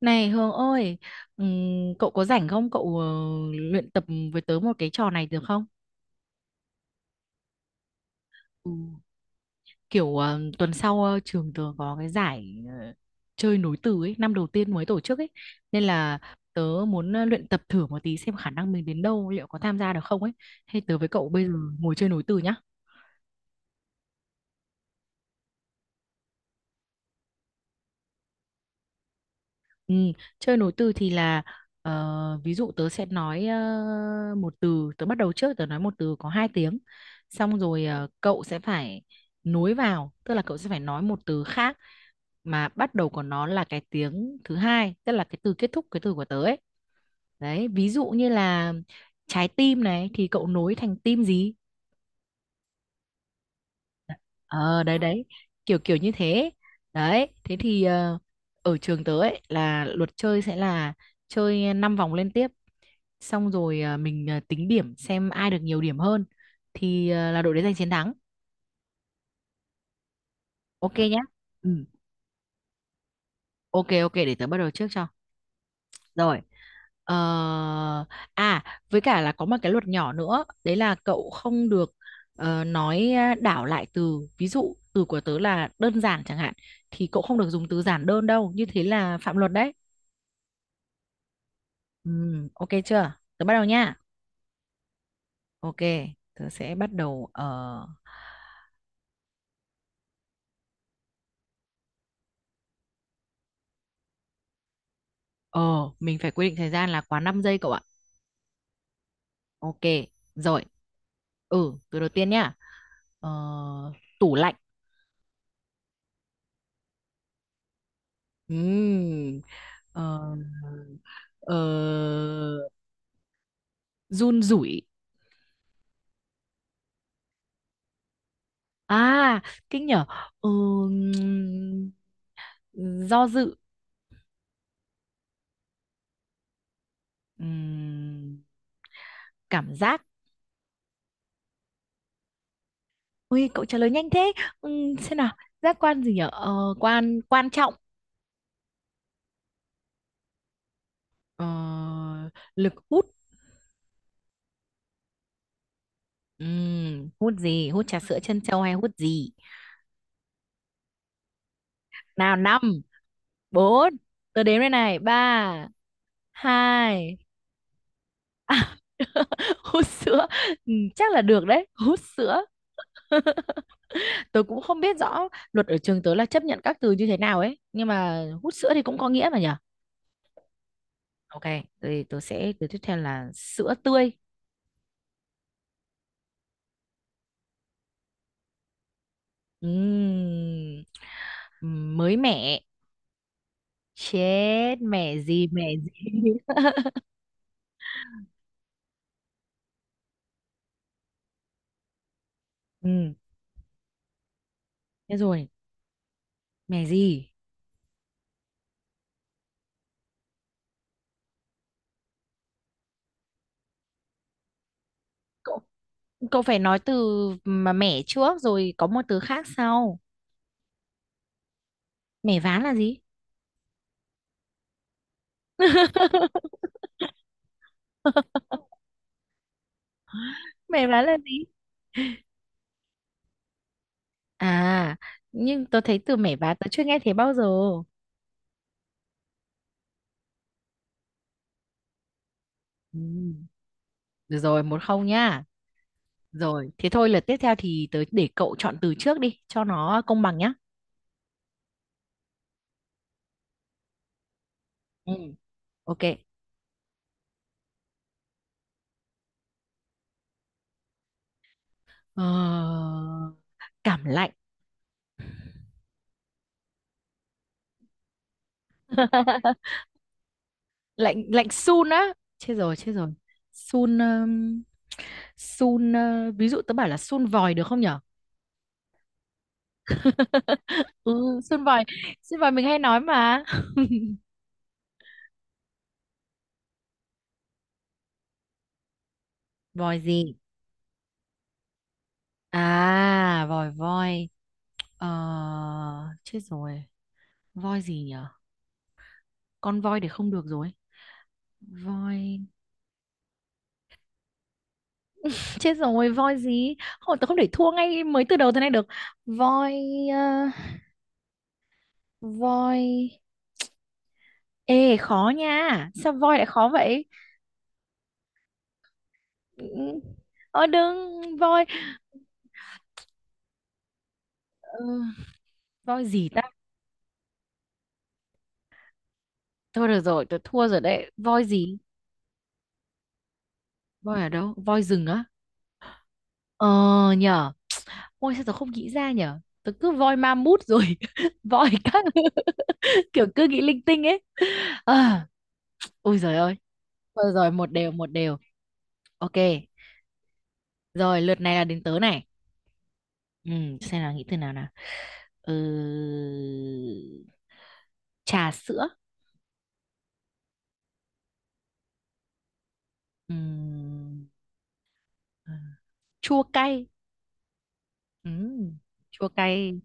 Này Hường ơi, cậu có rảnh không? Cậu luyện tập với tớ một cái trò này được không? Ừ, kiểu tuần sau trường tớ có cái giải chơi nối từ ấy, năm đầu tiên mới tổ chức ấy. Nên là tớ muốn luyện tập thử một tí xem khả năng mình đến đâu, liệu có tham gia được không ấy. Hay tớ với cậu bây giờ ngồi chơi nối từ nhá. Ừ, chơi nối từ thì là ví dụ tớ sẽ nói một từ, tớ bắt đầu trước, tớ nói một từ có hai tiếng, xong rồi cậu sẽ phải nối vào, tức là cậu sẽ phải nói một từ khác mà bắt đầu của nó là cái tiếng thứ hai, tức là cái từ kết thúc cái từ của tớ ấy. Đấy, ví dụ như là trái tim này thì cậu nối thành tim gì. Ờ, đấy đấy, kiểu kiểu như thế đấy. Thế thì ở trường tớ ấy là luật chơi sẽ là chơi 5 vòng liên tiếp, xong rồi mình tính điểm xem ai được nhiều điểm hơn thì là đội đấy giành chiến thắng. OK nhá. Ừ. OK ok để tớ bắt đầu trước cho. Rồi. ờ... À, với cả là có một cái luật nhỏ nữa, đấy là cậu không được nói đảo lại từ. Ví dụ từ của tớ là đơn giản chẳng hạn thì cậu không được dùng từ giản đơn đâu, như thế là phạm luật đấy. Ừ. OK chưa, tớ bắt đầu nha. OK, tớ sẽ bắt đầu ờ, mình phải quy định thời gian là quá 5 giây cậu ạ. OK, rồi. Ừ, từ đầu tiên nhá. Ờ, tủ lạnh. Ừm, Ờ, ờ, run rủi. À, kinh nhở. Ừm, do dự. Ừm, cảm giác. Ui, cậu trả lời nhanh thế. Xem nào, giác quan gì nhở? Ờ, quan quan trọng. Ờ, lực hút. Hút gì? Hút trà sữa trân châu hay hút gì? Nào, năm, bốn, tôi đếm đây này, ba, hai. Hút sữa. Ừ, chắc là được đấy, hút sữa. Tôi cũng không biết rõ luật ở trường tớ là chấp nhận các từ như thế nào ấy, nhưng mà hút sữa thì cũng có nghĩa mà nhở. OK, tôi sẽ từ tiếp theo là sữa tươi. Ừm, mới mẻ. Chết, mẻ gì, mẻ gì? Ừ, thế rồi, mẻ gì, cậu, cậu phải nói từ mà mẻ trước rồi có một từ khác sau. Mẻ ván là gì? Mẻ ván là gì? À, nhưng tớ thấy từ mẻ ván tớ chưa nghe thấy bao giờ. Ừ. Được rồi, 1-0 nhá. Rồi, thế thôi, lượt tiếp theo thì tớ để cậu chọn từ trước đi cho nó công bằng nhá. Ừ. OK. Ờ, cảm lạnh. Lạnh lạnh sun á. Chết rồi, chết rồi. Sun sun, ví dụ tớ bảo là sun vòi được không nhỉ? Ừ, sơn vòi, sơn vòi mình hay nói mà. Voi gì? À, vòi voi. Ờ, chết rồi, voi gì nhở? Con voi thì không được rồi. Voi, chết rồi, voi gì? Hồi tớ không để thua ngay mới từ đầu thế này được. Voi, ờ, voi. Ê khó nha, sao voi lại khó vậy? Ừ, đừng voi. ờ, voi gì ta? Thôi được rồi, tớ thua rồi đấy, voi gì? Voi ở đâu, voi rừng á? Ờ nhở. Ôi sao tớ không nghĩ ra nhở. Tớ cứ voi ma mút rồi voi các kiểu cứ nghĩ linh tinh ấy. à, Ôi giời ơi. Rồi rồi, 1-1, một đều. OK. Rồi, lượt này là đến tớ này. ừ, Xem nào, nghĩ từ nào nào. ừ... Trà sữa. Ừm, à, Chua cay. Ừm, Chua cay.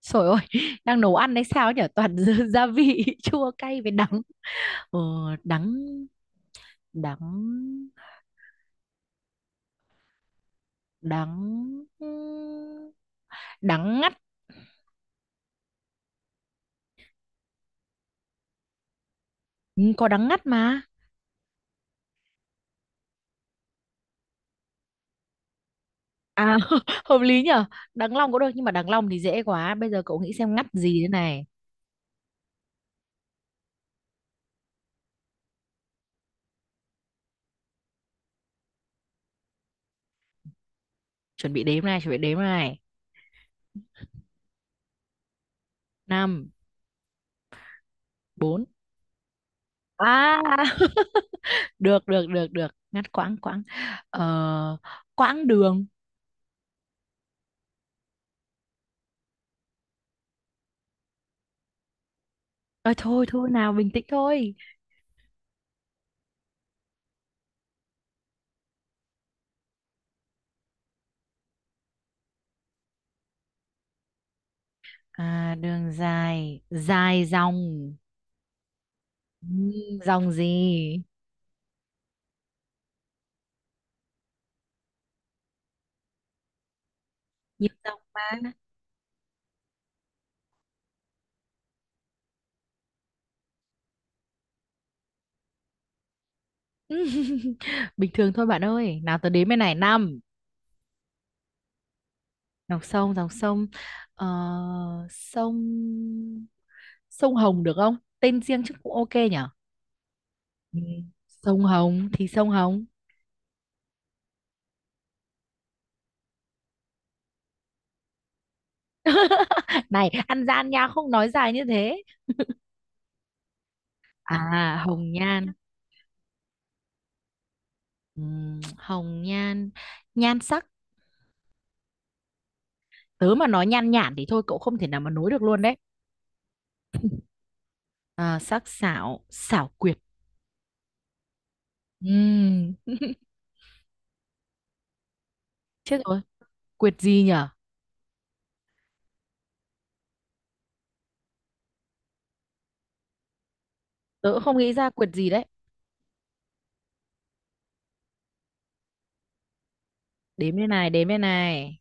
Trời ơi đang nấu ăn hay sao nhở, toàn gia gia vị chua cay với đắng. ờ, Đắng đắng đắng, đắng ngắt. Ừ, có đắng ngắt mà. À hợp lý nhở. Đắng lòng cũng được nhưng mà đắng lòng thì dễ quá, bây giờ cậu nghĩ xem ngắt gì thế này. Chuẩn bị đếm này, chuẩn bị đếm này. Năm, bốn. À được được được được ngắt quãng, quãng. Ờ, quãng đường. Ờ, thôi thôi, nào bình tĩnh thôi. À, đường dài, dài dòng. Ừ, dòng gì? Nhiều dòng mà. Bình thường thôi bạn ơi. Nào tớ đếm bên này, năm. Dòng sông, dòng sông. Ờ, sông sông Hồng được không? Tên riêng chứ cũng OK nhở? Ừ. Sông Hồng thì sông Hồng. Này, ăn gian nha, không nói dài như thế. À, hồng nhan. Hồng nhan, nhan sắc. Tớ mà nói nhan nhản thì thôi cậu không thể nào mà nối được luôn đấy. À, sắc sảo, xảo quyệt. Ừm, Chết rồi, quyệt gì nhở? Tớ cũng không nghĩ ra quyệt gì đấy. Đếm đây này, đếm đây này.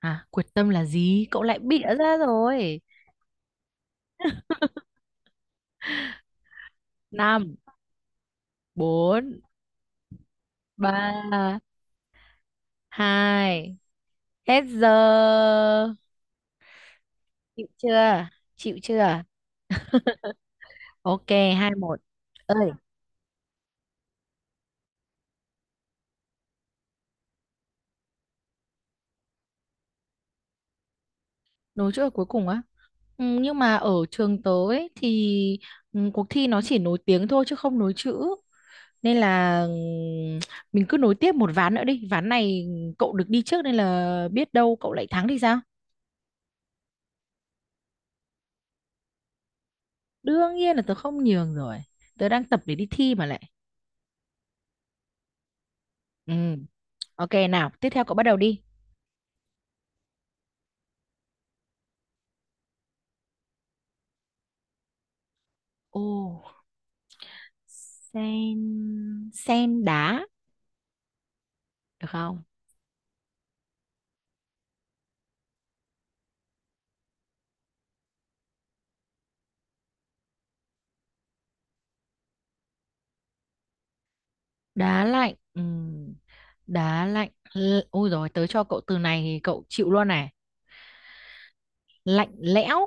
À, quyết tâm là gì? Cậu lại bịa ra rồi. Năm, bốn, ba, hai. Hết giờ. Chịu chưa? Chịu chưa? OK, 2-1. Ơi, nối chữ ở cuối cùng á. Ừ, nhưng mà ở trường tớ ấy, thì cuộc thi nó chỉ nối tiếng thôi chứ không nối chữ. Nên là mình cứ nối tiếp một ván nữa đi. Ván này cậu được đi trước nên là biết đâu cậu lại thắng thì sao? Đương nhiên là tớ không nhường rồi, tớ đang tập để đi thi mà lại. Ừ. OK nào, tiếp theo cậu bắt đầu đi. Ồ, Sen sen đá được không? Đá lạnh. Đá lạnh. L-, ôi rồi, tớ cho cậu từ này thì cậu chịu luôn này. Lạnh lẽo,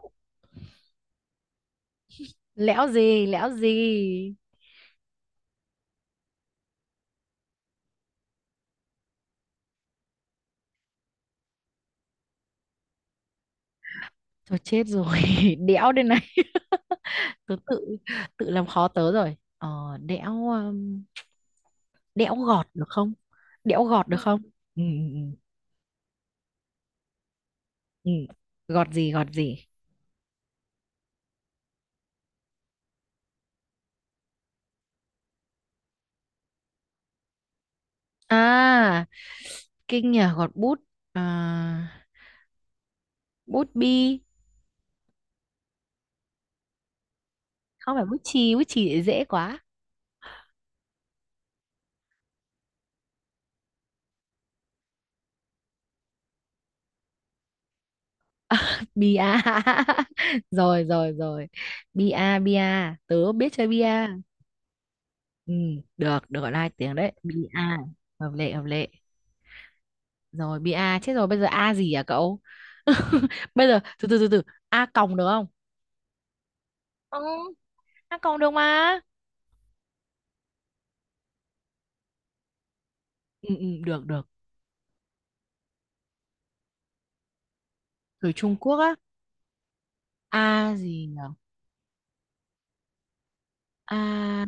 lẽo gì, lẽo gì? Thôi chết rồi đẽo đây này. Tớ tự tự làm khó tớ rồi. Ờ, đẽo, đẽo gọt được không? Đẽo gọt được không? Ừ. Ừ. Gọt gì, gọt gì? À, kinh nhờ, gọt bút. À, bút bi. Không phải bút chì, bút chì thì dễ quá. Bia rồi rồi rồi, bia bia, tớ biết chơi bia. Ừ, được, được gọi là hai tiếng đấy, bia. Hợp lệ, hợp lệ. Rồi, bia chết rồi, bây giờ a gì à cậu? Bây giờ từ, từ, a còng được không? Ừ, a còng được mà. Ừ, được được. Từ Trung Quốc á? A gì nhở? A.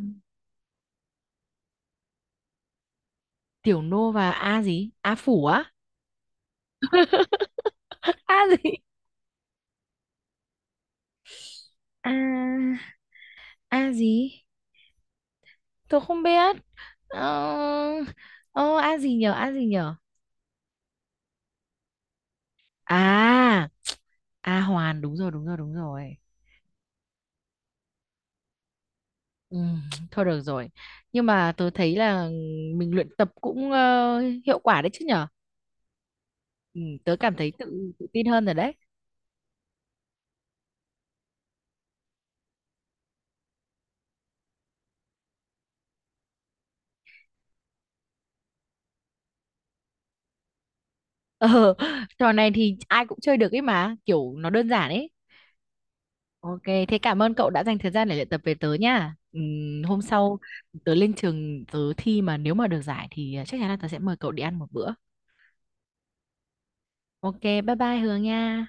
Tiểu Nô và A gì? A Phủ á? A gì? A. A gì? Tôi không biết. Ờ, ờ A gì nhở? A gì nhở? À, A Hoàn đúng rồi, đúng rồi, đúng rồi. Ừ, thôi được rồi. Nhưng mà tớ thấy là mình luyện tập cũng hiệu quả đấy chứ nhở? Ừ, tớ cảm thấy tự tự tin hơn rồi đấy. Ờ, trò này thì ai cũng chơi được ấy mà, kiểu nó đơn giản ấy. OK, thế cảm ơn cậu đã dành thời gian để luyện tập về tớ nha. Hôm sau tớ lên trường tớ thi mà nếu mà được giải thì chắc chắn là tớ sẽ mời cậu đi ăn một bữa. OK, bye bye Hường nha.